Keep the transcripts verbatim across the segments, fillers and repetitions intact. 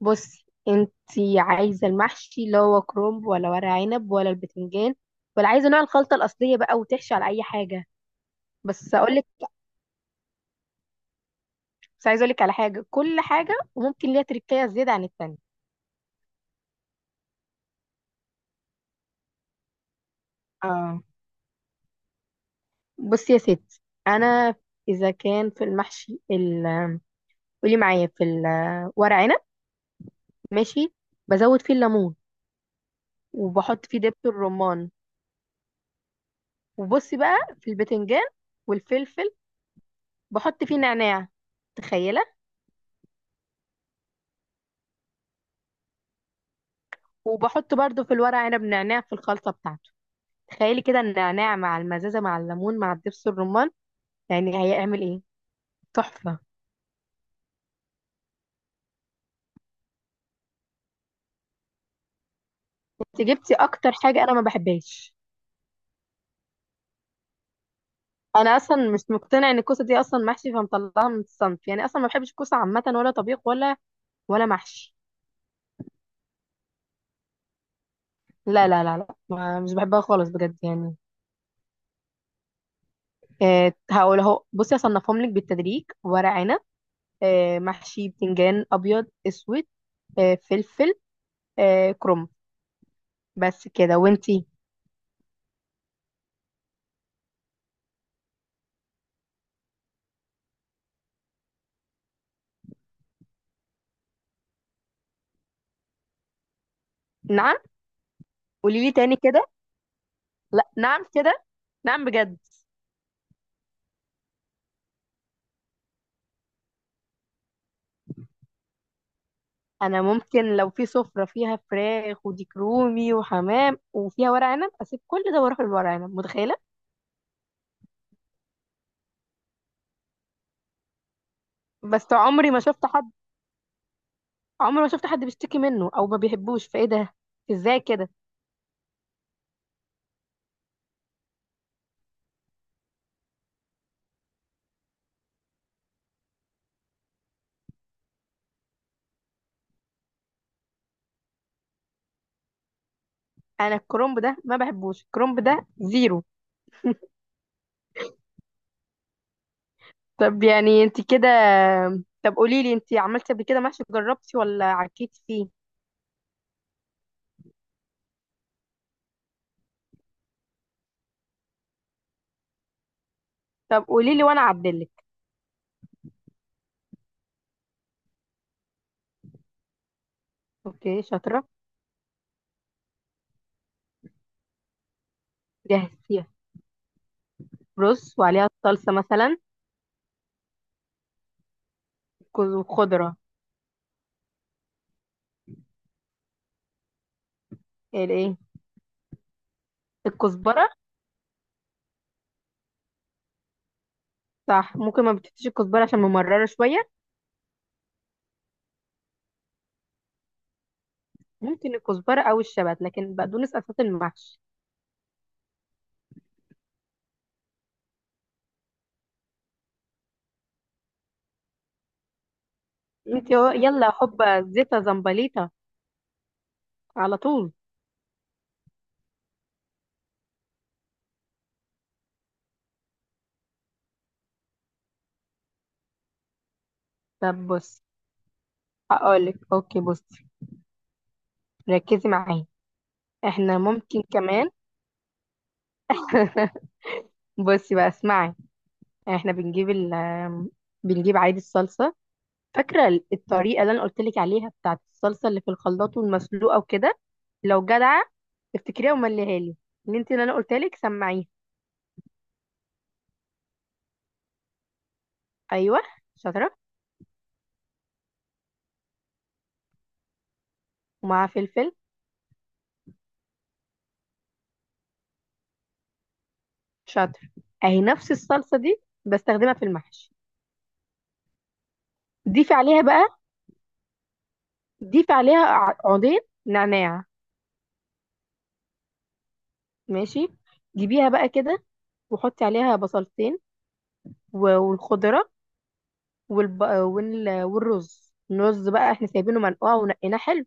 بصي انتي عايزه المحشي اللي هو كرنب ولا ورق عنب ولا البتنجان، ولا عايزه نوع الخلطه الاصليه بقى وتحشي على اي حاجه؟ بس اقول لك، بس عايزه اقول لك على حاجه، كل حاجه وممكن ليها تركية زياده عن التانية. اه، بصي يا ستي، انا اذا كان في المحشي ال... قولي معايا في الورق عنب، ماشي، بزود فيه الليمون وبحط فيه دبس الرمان. وبصي بقى في البتنجان والفلفل، بحط فيه نعناع، تخيله. وبحط برضو في الورق عنب نعناع في الخلطة بتاعته. تخيلي كده النعناع مع المزازة مع الليمون مع الدبس الرمان، يعني هيعمل ايه؟ تحفة. انت جبتي اكتر حاجة انا ما بحبهاش. انا اصلا مش مقتنع ان الكوسة دي اصلا محشي، فمطلعها من الصنف، يعني اصلا ما بحبش الكوسة عامة، ولا طبيخ ولا ولا محشي. لا لا لا لا، ما مش بحبها خالص بجد يعني. إيه، هقول اهو، بصي اصنفهم لك بالتدريج: ورق عنب، إيه محشي بتنجان ابيض اسود، إيه فلفل، إيه كرنب، بس كده. وانتي؟ نعم؟ قولي لي تاني كده. لا، نعم كده؟ نعم بجد؟ انا ممكن لو في سفرة فيها فراخ وديك رومي وحمام وفيها ورق عنب، اسيب كل ده واروح للورق عنب، متخيلة؟ بس عمري ما شفت حد، عمري ما شفت حد بيشتكي منه او ما بيحبوش، فايه ده؟ ازاي كده؟ انا الكرنب ده ما بحبوش، الكرنب ده زيرو. طب يعني انت كده، طب قولي لي انت عملتي قبل كده محشي، جربتي ولا عكيتي فيه؟ طب قولي لي وانا اعدلك. اوكي، شاطرة، جهزتيها. رز وعليها الصلصة مثلا؟ وخضرة؟ الايه؟ الكزبره؟ صح، ممكن ما بتحطيش الكزبره عشان ممرره شويه. ممكن الكزبره او الشبت، لكن بقدونس اساس المحشي. انت هو- يلا حبه زيتا زمبليطه، على طول. طب بص، هقولك اوكي، بصي، ركزي معايا. احنا ممكن كمان. بصي بقى، اسمعي، احنا بنجيب ال بنجيب عادي الصلصه. فاكره ال- الطريقه اللي انا قلت لك عليها بتاعت الصلصه اللي في الخلاط والمسلوقه وكده؟ لو جدعه افتكريها ومليها لي، اللي انت اللي انا قلت لك، سمعيها. ايوه، شاطره. ومعاها فلفل. شاطر. اهي نفس الصلصه دي بستخدمها في المحشي. ضيفي عليها بقى، ضيفي عليها ع- عودين نعناع. ماشي، جيبيها بقى كده وحطي عليها بصلتين و- والخضره والب... وال... والرز. الرز بقى احنا سايبينه منقوع ونقيناه حلو،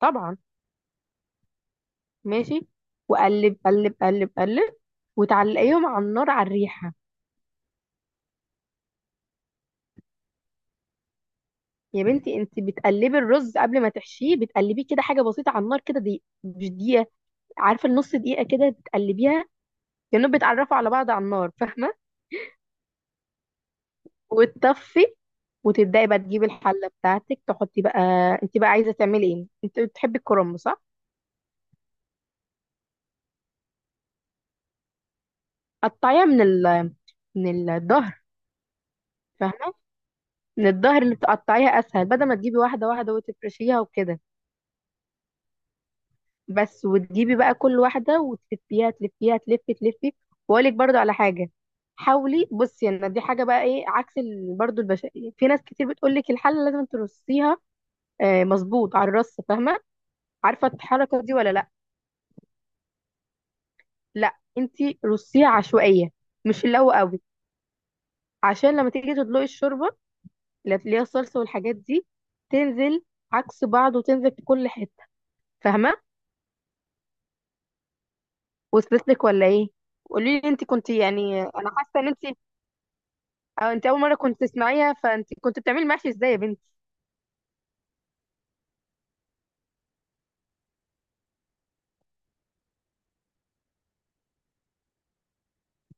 طبعا. ماشي، وقلب قلب قلب قلب وتعلقيهم على النار على الريحه. يا بنتي انت بتقلبي الرز قبل ما تحشيه، بتقلبيه كده حاجه بسيطه على النار، كده دي مش دقيقه، عارفه، النص دقيقه كده تقلبيها، كانهم بيتعرفوا على بعض على النار، فاهمه؟ وتطفي وتبداي بقى تجيبي الحله بتاعتك، تحطي بقى. انت بقى عايزه تعملي ايه؟ انت بتحبي الكرنب، صح؟ قطعيها من ال من الظهر، فاهمه؟ من الظهر اللي بتقطعيها اسهل، بدل ما تجيبي واحده واحده وتفرشيها وكده. بس، وتجيبي بقى كل واحده وتلفيها، تلفيها تلفي تلفي. واقول لك برضو على حاجه، حاولي بصي، يعني دي حاجه بقى ايه، عكس ال- برضو البشا. في ناس كتير بتقول لك الحله لازم ترصيها، آه، مظبوط على الرص، فاهمه عارفه الحركه دي ولا لا؟ لا انت رصيها عشوائيه، مش اللي هو قوي، عشان لما تيجي تدلقي الشوربه اللي هي الصلصه والحاجات دي، تنزل عكس بعض وتنزل في كل حته، فاهمه؟ وصلت لك ولا ايه؟ قولي لي انت كنت، يعني انا حاسه ان انت، أو انت اول مره كنت تسمعيها، فانت كنت بتعملي محشي ازاي يا بنتي؟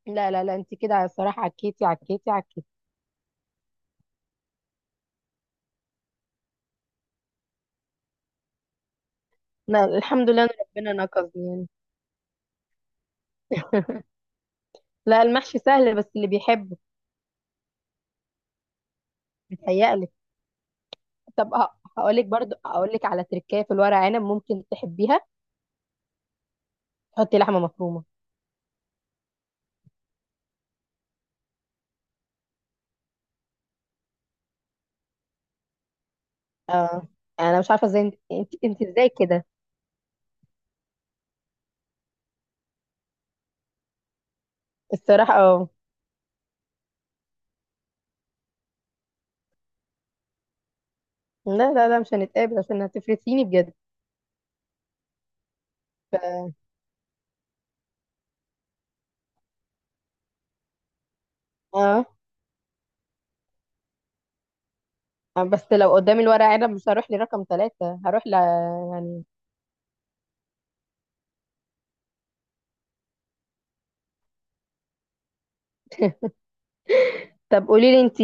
لا لا لا انت كده الصراحه عكيتي عكيتي عكيتي. لا، الحمد لله ان ربنا نقذني يعني. لا المحشي سهل، بس اللي بيحبه. متهيألي. طب هقول لك برضو، هقول لك على تركايه في الورق عنب ممكن تحبيها: تحطي لحمه مفرومه. اه، انا مش عارفه ازاي انت انت, انت ازاي كده. الصراحه اه. لا لا لا مش هنتقابل عشان هتفرسيني بجد. ف... اه. آه، بس لو قدامي الورق عنب مش هروح لرقم ثلاثة، هروح ل... يعني. طب قولي لي انت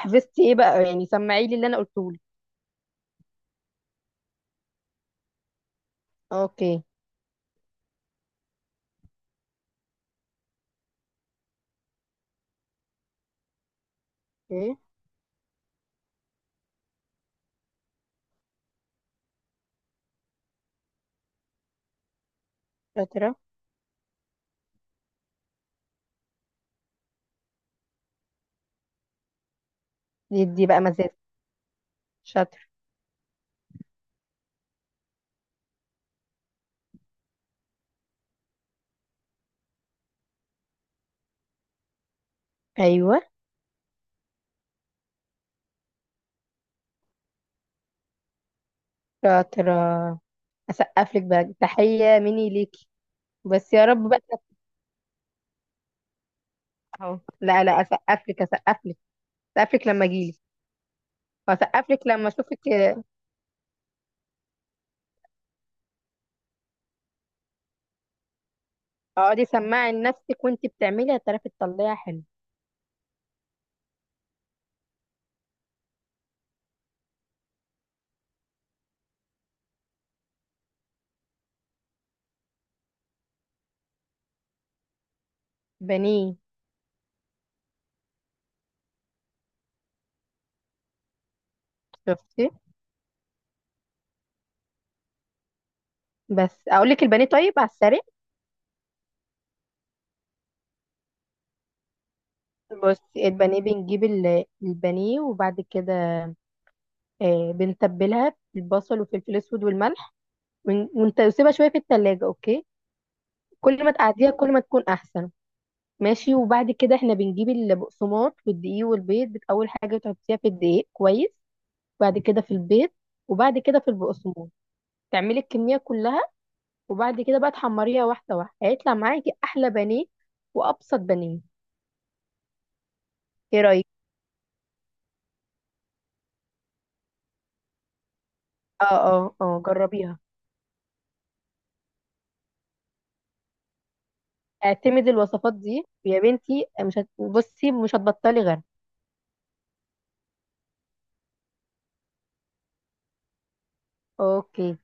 حفظتي ايه بقى، يعني سمعي لي اللي انا قلته لك. اوكي. ايه؟ شاطرة. دي بقى مزاج. شاطر. ايوه شاطرة، اسقف لك بقى تحية مني ليكي. بس يا رب بقى. اهو لا لا، اسقف لك اسقف لك، اسقف لك لما اجيلك، واسقف لك لما اشوفك. اقعدي سماعي لنفسك وانت بتعملي، هتعرفي تطلعيها حلو. بانيه. شفتي؟ بس اقول لك البانيه طيب على السريع. بصي، البانيه بنجيب ال- البانيه، وبعد كده آه، بنتبلها بالبصل والفلفل الاسود والملح، ون- وانت سيبها شويه في التلاجة، اوكي؟ كل ما تقعديها كل ما تكون احسن. ماشي، وبعد كده احنا بنجيب البقسماط والدقيق والبيض، بت- اول حاجه تحطيها في الدقيق كويس، بعد كده في البيض، وبعد كده في البقسماط، تعملي الكمية كلها. وبعد كده بقى تحمريها واحدة واحدة، هيطلع معاكي أحلى بانيه وأبسط بانيه. ايه رأيك؟ اه اه اه، جربيها. اعتمدي الوصفات دي يا بنتي، مش هت... بصي مش هتبطلي غيرها. اوكي.